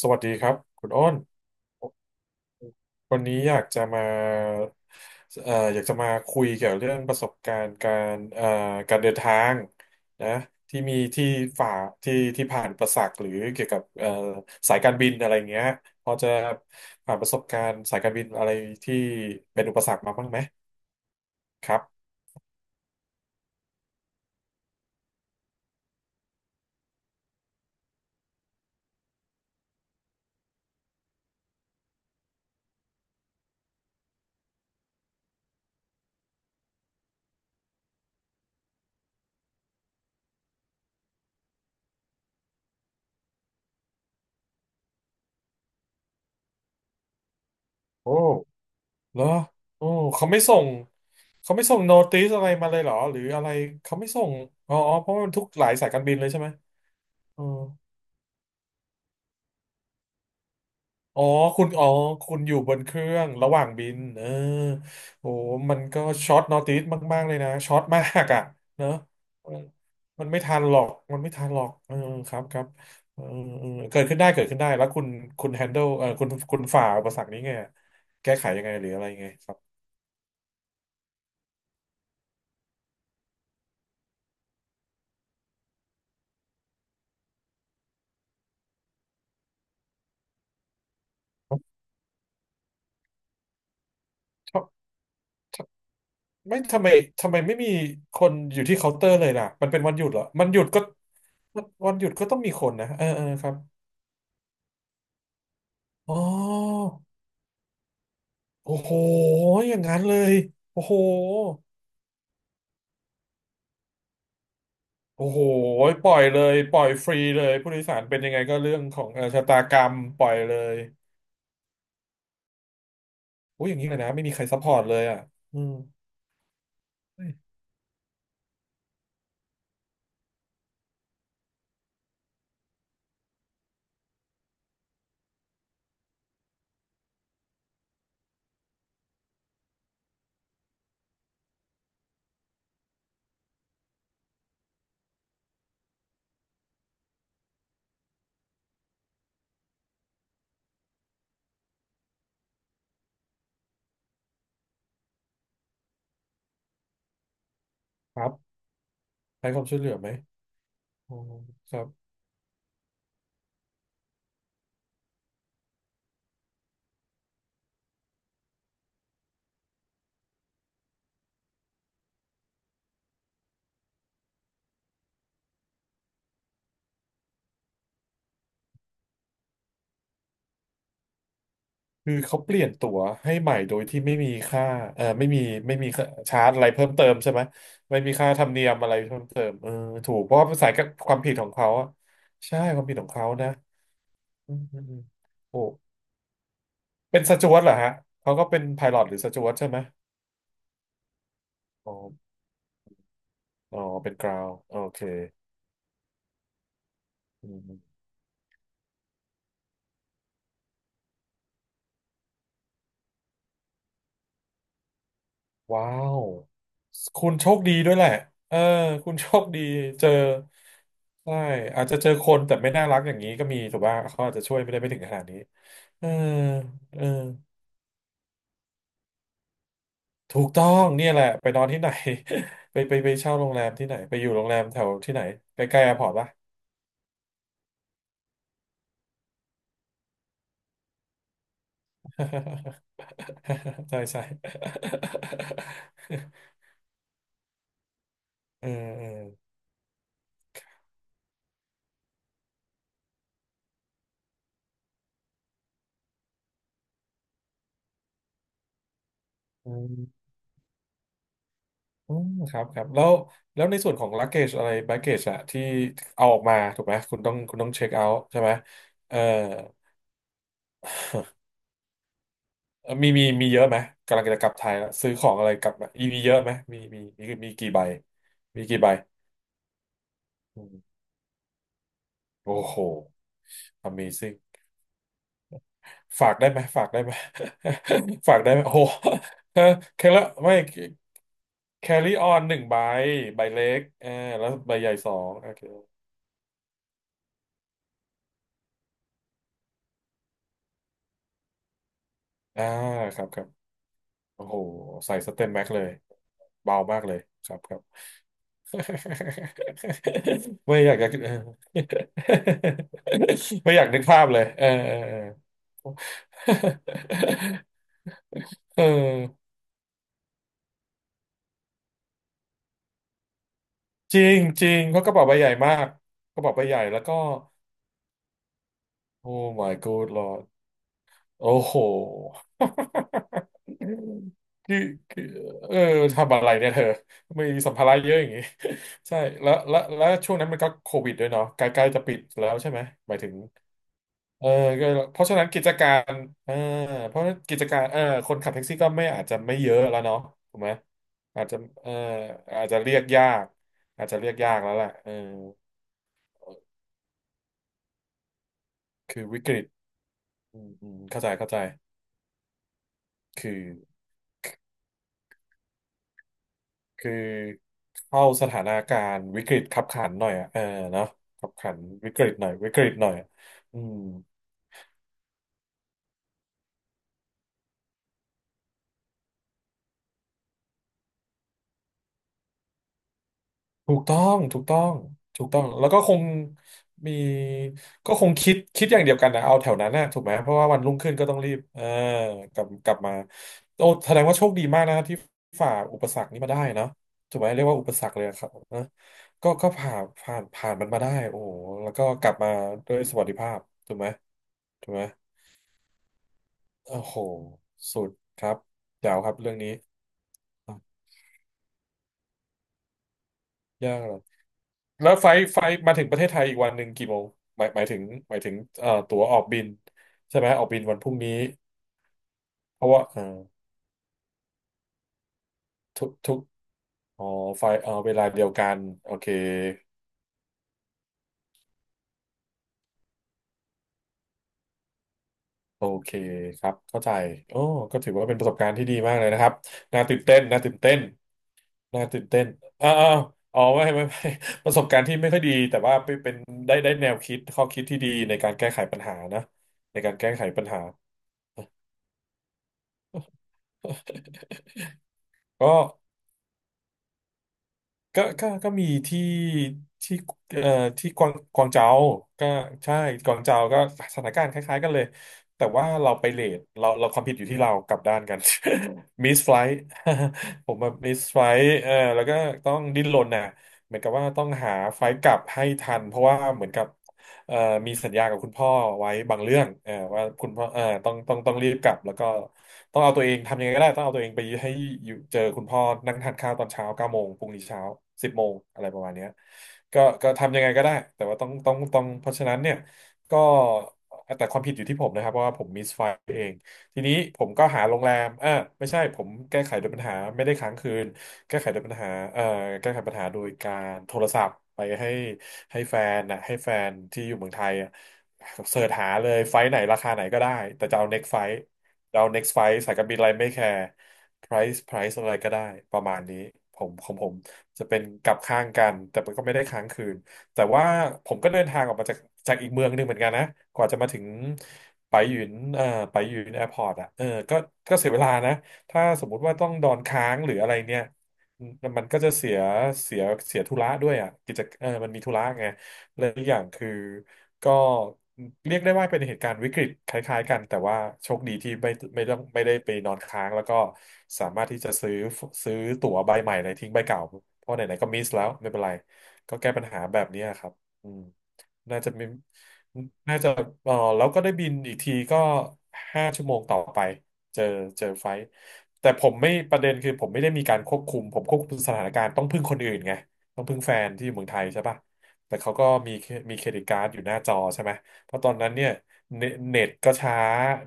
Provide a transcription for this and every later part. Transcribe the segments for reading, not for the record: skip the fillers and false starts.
สวัสดีครับคุณอ้นวันนี้อยากจะมาอยากจะมาคุยเกี่ยวเรื่องประสบการณ์การการเดินทางนะที่มีที่ฝ่าที่ที่ผ่านอุประสักหรือเกี่ยวกับสายการบินอะไรเงี้ยพอจะผ่านประสบการณ์สายการบินอะไรที่เป็นอุปสรรคมาบ้างไหมครับโอ้เหรอโอ้เขาไม่ส่งเขาไม่ส่งโนติสอะไรมาเลยเหรอหรืออะไรเขาไม่ส่งอ๋อเพราะว่ามันทุกหลายสายการบินเลยใช่ไหมอ๋อ อ๋อคุณอ๋อคุณอยู่บนเครื่องระหว่างบินเออโอ้มันก็ช็อตนอติสมากๆเลยนะช็อตมากอ่ะเนอะเออมันไม่ทันหรอกมันไม่ทันหรอกเออครับครับเออเออเกิดขึ้นได้เกิดขึ้นได้แล้วคุณแฮนเดิลเออคุณฝ่าอุปสรรคนี้ไงแก้ไขยังไงหรืออะไรยังไงครับทำทำไม่ทำไมทำไมไม่มีคนอยู่ที่เคาน์เตอร์เลยล่ะมันเป็นวันหยุดเหรอมันหยุดก็วันหยุดก็ต้องมีคนนะเออเออครับอ๋อ โอ้โหอย่างนั้นเลยโอ้โหโอ้โหปล่อยเลยปล่อยฟรีเลยผู้โดยสารเป็นยังไงก็เรื่องของชะตากรรมปล่อยเลย โอ้ยอย่างนี้เลยนะไม่มีใครซัพพอร์ตเลยอ่ะอืมเฮ้ยครับให้ความช่วยเหลือไหมอ๋อครับคือเขาเปลี่ยนตั๋วให้ใหม่โดยที่ไม่มีค่า ไม่มีไม่มีค่าชาร์จอะไรเพิ่มเติมใช่ไหมไม่มีค่าธรรมเนียมอะไรเพิ่มเติมเออถูกเพราะว่าเป็นสายกับความผิดของเขาอะใช่ความผิดของเขานะอืมอืมอืมโอ้ เป็นสจ๊วตเหรอฮะ เขาก็เป็นไพลอตหรือสจ๊วตใช่ไหมอ๋ออ๋อ เป็นกราวโอเคอืมว้าว คุณโชคดีด้วยแหละเออคุณโชคดีเจอใช่อาจจะเจอคนแต่ไม่น่ารักอย่างนี้ก็มีถูกป่ะเขาอาจจะช่วยไม่ได้ไม่ถึงขนาดนี้ เออเออถูกต้องเนี่ยแหละ ไปนอนที่ไหน ไปเช่าโรงแรมที่ไหน ไปอยู่โรงแรมแถวที่ไหนใกล้ๆแอร์พอร์ตปะ ใช่ใช่ เออเอออืม อืมครับครับแล้วแล้วในส่วนของ luggage อะไร baggage อะที่เอาออกมาถูกไหมคุณต้องเช็คเอาท์ใช่ไหมเออ  มีเยอะไหมกำลังจะกลับไทยแล้วซื้อของอะไรกลับมามีเยอะไหมมีกี่ใบมีกี่ใบอืมโอ้โห Amazing ฝากได้ไหมฝากได้ไหม ฝากได้ไหมโอ้โห เออแค่ละไม่ carry on หนึ่งใบใบเล็กเออแล้วใบใหญ่สองโอเคอ่าครับครับโอ้โหใส่สเต็มแม็กเลย เบามากเลยครับครับ ไม่อยากจะเออ ไม่อยากนึกภาพเลยเออเออเออ เออจริงจริงเพราะกระเป๋าใบใหญ่มากกระเป๋าใบใหญ่แล้วก็โอ้ my good lord โอ้โห คือคือเออทำอะไรเนี่ยเธอมีสัมภาระเยอะอย่างงี้ ใช่แล้วแล้วแล้วช่วงนั้นมันก็โควิดด้วยเนาะใกล้ๆจะปิดแล้วใช่ไหมหมายถึง เออก็เพราะฉะนั้นกิจการเออเพราะกิจการเออคนขับแท็กซี่ก็ไม่อาจจะไม่เยอะแล้วเนาะถูกไหมอาจจะเอออาจจะเรียกยากอาจจะเรียกยากแล้วแหละเออคือวิกฤตอืมอืมเข้าใจเข้าใจคือคือเข้าสถานการณ์วิกฤตคับขันหน่อยอ่ะเออเนาะคับขันวิกฤตหน่อยวิกฤตหน่อยอืม ถูกต้องถูกต้องถูกต้องแล้วก็คงมีก็คงคิดคิดอย่างเดียวกันนะเอาแถวนั้นนะถูกไหมเพราะว่าวันรุ่งขึ้นก็ต้องรีบเออกลับกลับมาโอ้แสดงว่าโชคดีมากนะที่ฝ่าอุปสรรคนี้มาได้เนาะถูกไหมเรียกว่าอุปสรรคเลยครับนะก็ผ่านมันมาได้โอ้โหแล้วก็กลับมาด้วยสวัสดิภาพถูกไหมถูกไหมโอ้โหสุดครับเจ๋วครับเรื่องนี้ยากเหรอ แล้วไฟล์มาถึงประเทศไทยอีกวันหนึ่งกี่โมงหมายหมายถึงหมายถึงตั๋วออกบินใช่ไหมออกบินวันพรุ่งนี้เพราะว่าเอ่อทุกทุกอ๋อไฟล์เวลาเดียวกันโอเคโอเคครับเข้าใจโอ้ก็ถือว่าเป็นประสบการณ์ที่ดีมากเลยนะครับน่าตื่นเต้นน่าตื่นเต้นน่าตื่นเต้นอ่าอาอ๋อไม่ ประสบการณ์ที่ไม่ค่อยดีแต่ว่าเป็นเป็นได้ได้แนวคิดข้อคิดที่ดีในการแก้ไขปัญหานะในการแก้ไขปัญหา ก็ ก็มีที่ที่เอ่อที่กวางเจาก็ใช่กวางเจาก็สถานการณ์คล้ายๆกันเลย แต่ว่าเราไปเลทเราความผิดอยู่ที่เรากลับด้านกัน มิสไฟล ผมมามิสไฟลเออแล้วก็ต้องดิ้นรนน่ะเหมือนกับว่าต้องหาไฟล์กลับให้ทัน เพราะว่าเหมือนกับ เอ่อมีสัญญากับคุณพ่อไว้บางเรื่องว่าคุณพ่อต้องรีบกลับแล้วก็ต้องเอาตัวเองทำยังไงก็ได้ต้องเอาตัวเองไปให้อยู่เจอคุณพ่อนั่งทานข้าวตอนเช้าเก้าโมงพรุ่งนี้เช้าสิบโมงอะไรประมาณเนี้ยก็ทำยังไงก็ได้แต่ว่าต้องเพราะฉะนั้นเนี่ยก็แต่ความผิดอยู่ที่ผมนะครับเพราะว่าผมมิสไฟล์เองทีนี้ผมก็หาโรงแรมอ่าไม่ใช่ผมแก้ไขโดยปัญหาไม่ได้ค้างคืน แก้ไขปัญหาเอ่อแก้ไขปัญหาโดยการโทรศัพท์ไปให้ให้แฟนนะให้แฟนที่อยู่เมืองไทยอะเสิร์ชหาเลยไฟล์ไหนราคาไหนก็ได้ แต่จะเอา next flight จะเอา next flight สายการบินอะไรไม่แคร์ price อะไรก็ได้ประมาณนี้ ผมของผมจะเป็นกลับข้างกัน แต่มันก็ไม่ได้ค้างคืน แต่ว่าผมก็เดินทางออกมาจากจากอีกเมืองหนึ่งเหมือนกันนะกว่าจะมาถึงไปหยุนไปหยุนแอร์พอร์ตอ่ะเออก็ก็เสียเวลานะถ้าสมมุติว่าต้องดอนค้างหรืออะไรเนี่ย อืมแต่มันก็จะเสียเสียธุระด้วยอ่ะกิจเออมันมีธุระไงและอีกอย่างคือก็เรียกได้ว่าเป็นเหตุการณ์วิกฤตคล้ายๆกันแต่ว่าโชคดีที่ไม่ไม่ต้องไม่ได้ไปนอนค้างแล้วก็สามารถที่จะซื้อตั๋วใบใหม่เลยทิ้งใบเก่า เพราะไหนๆก็มิสแล้วไม่เป็นไร ก็แก้ปัญหาแบบนี้ครับอืมน่าจะมีน่าจะเออแล้วก็ได้บินอีกทีก็ห้าชั่วโมงต่อไป เจอเจอไฟท์แต่ผมไม่ประเด็นคือผมไม่ได้มีการควบคุม ผมควบคุมสถานการณ์ต้องพึ่งคนอื่นไงต้องพึ่งแฟนที่อยู่เมืองไทยใช่ป่ะแต่เขาก็มีมีเครดิตการ์ดอยู่หน้าจอใช่ไหมเพราะตอนนั้นเนี่ยเนเน็ตก็ช้า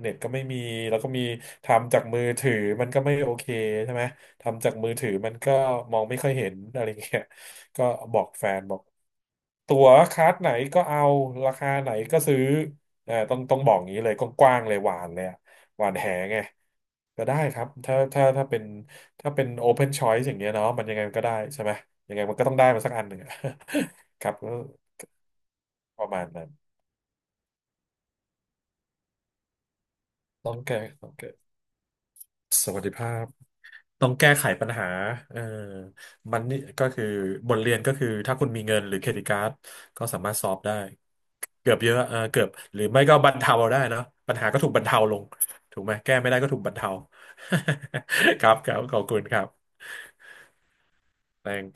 เน็ตก็ไม่มีแล้วก็มีทำจากมือถือมันก็ไม่โอเคใช่ไหมทำจากมือถือมันก็มองไม่ค่อยเห็นอะไรเงี้ยก็บอกแฟนบอกตั๋วคลาสไหนก็เอาราคาไหนก็ซื้อเอ่อต้องบอกอย่างนี้เลยกว้างๆเลยหวานเลยอะ หวานแหไงก็ได้ครับถ้าเป็นถ้าเป็น open choice อย่างเงี้ยเนาะมันยังไงมันก็ได้ใช่ไหมยังไงมันก็ต้องได้มาสักอันหนึ่งอะ ครับก็ประมาณนั้นต้องแก้สวัสดิภาพต้องแก้ไขปัญหาเออมันนี่ก็คือบทเรียนก็คือถ้าคุณมีเงินหรือเครดิตการ์ดก็สามารถซอฟได้เกือบเยอะเออเกือบหรือไม่ก็บรรเทาได้เนาะปัญหาก็ถูกบรรเทาลงถูกไหมแก้ไม่ได้ก็ถูกบรรเทา ครับครับขอบคุณครับ Thank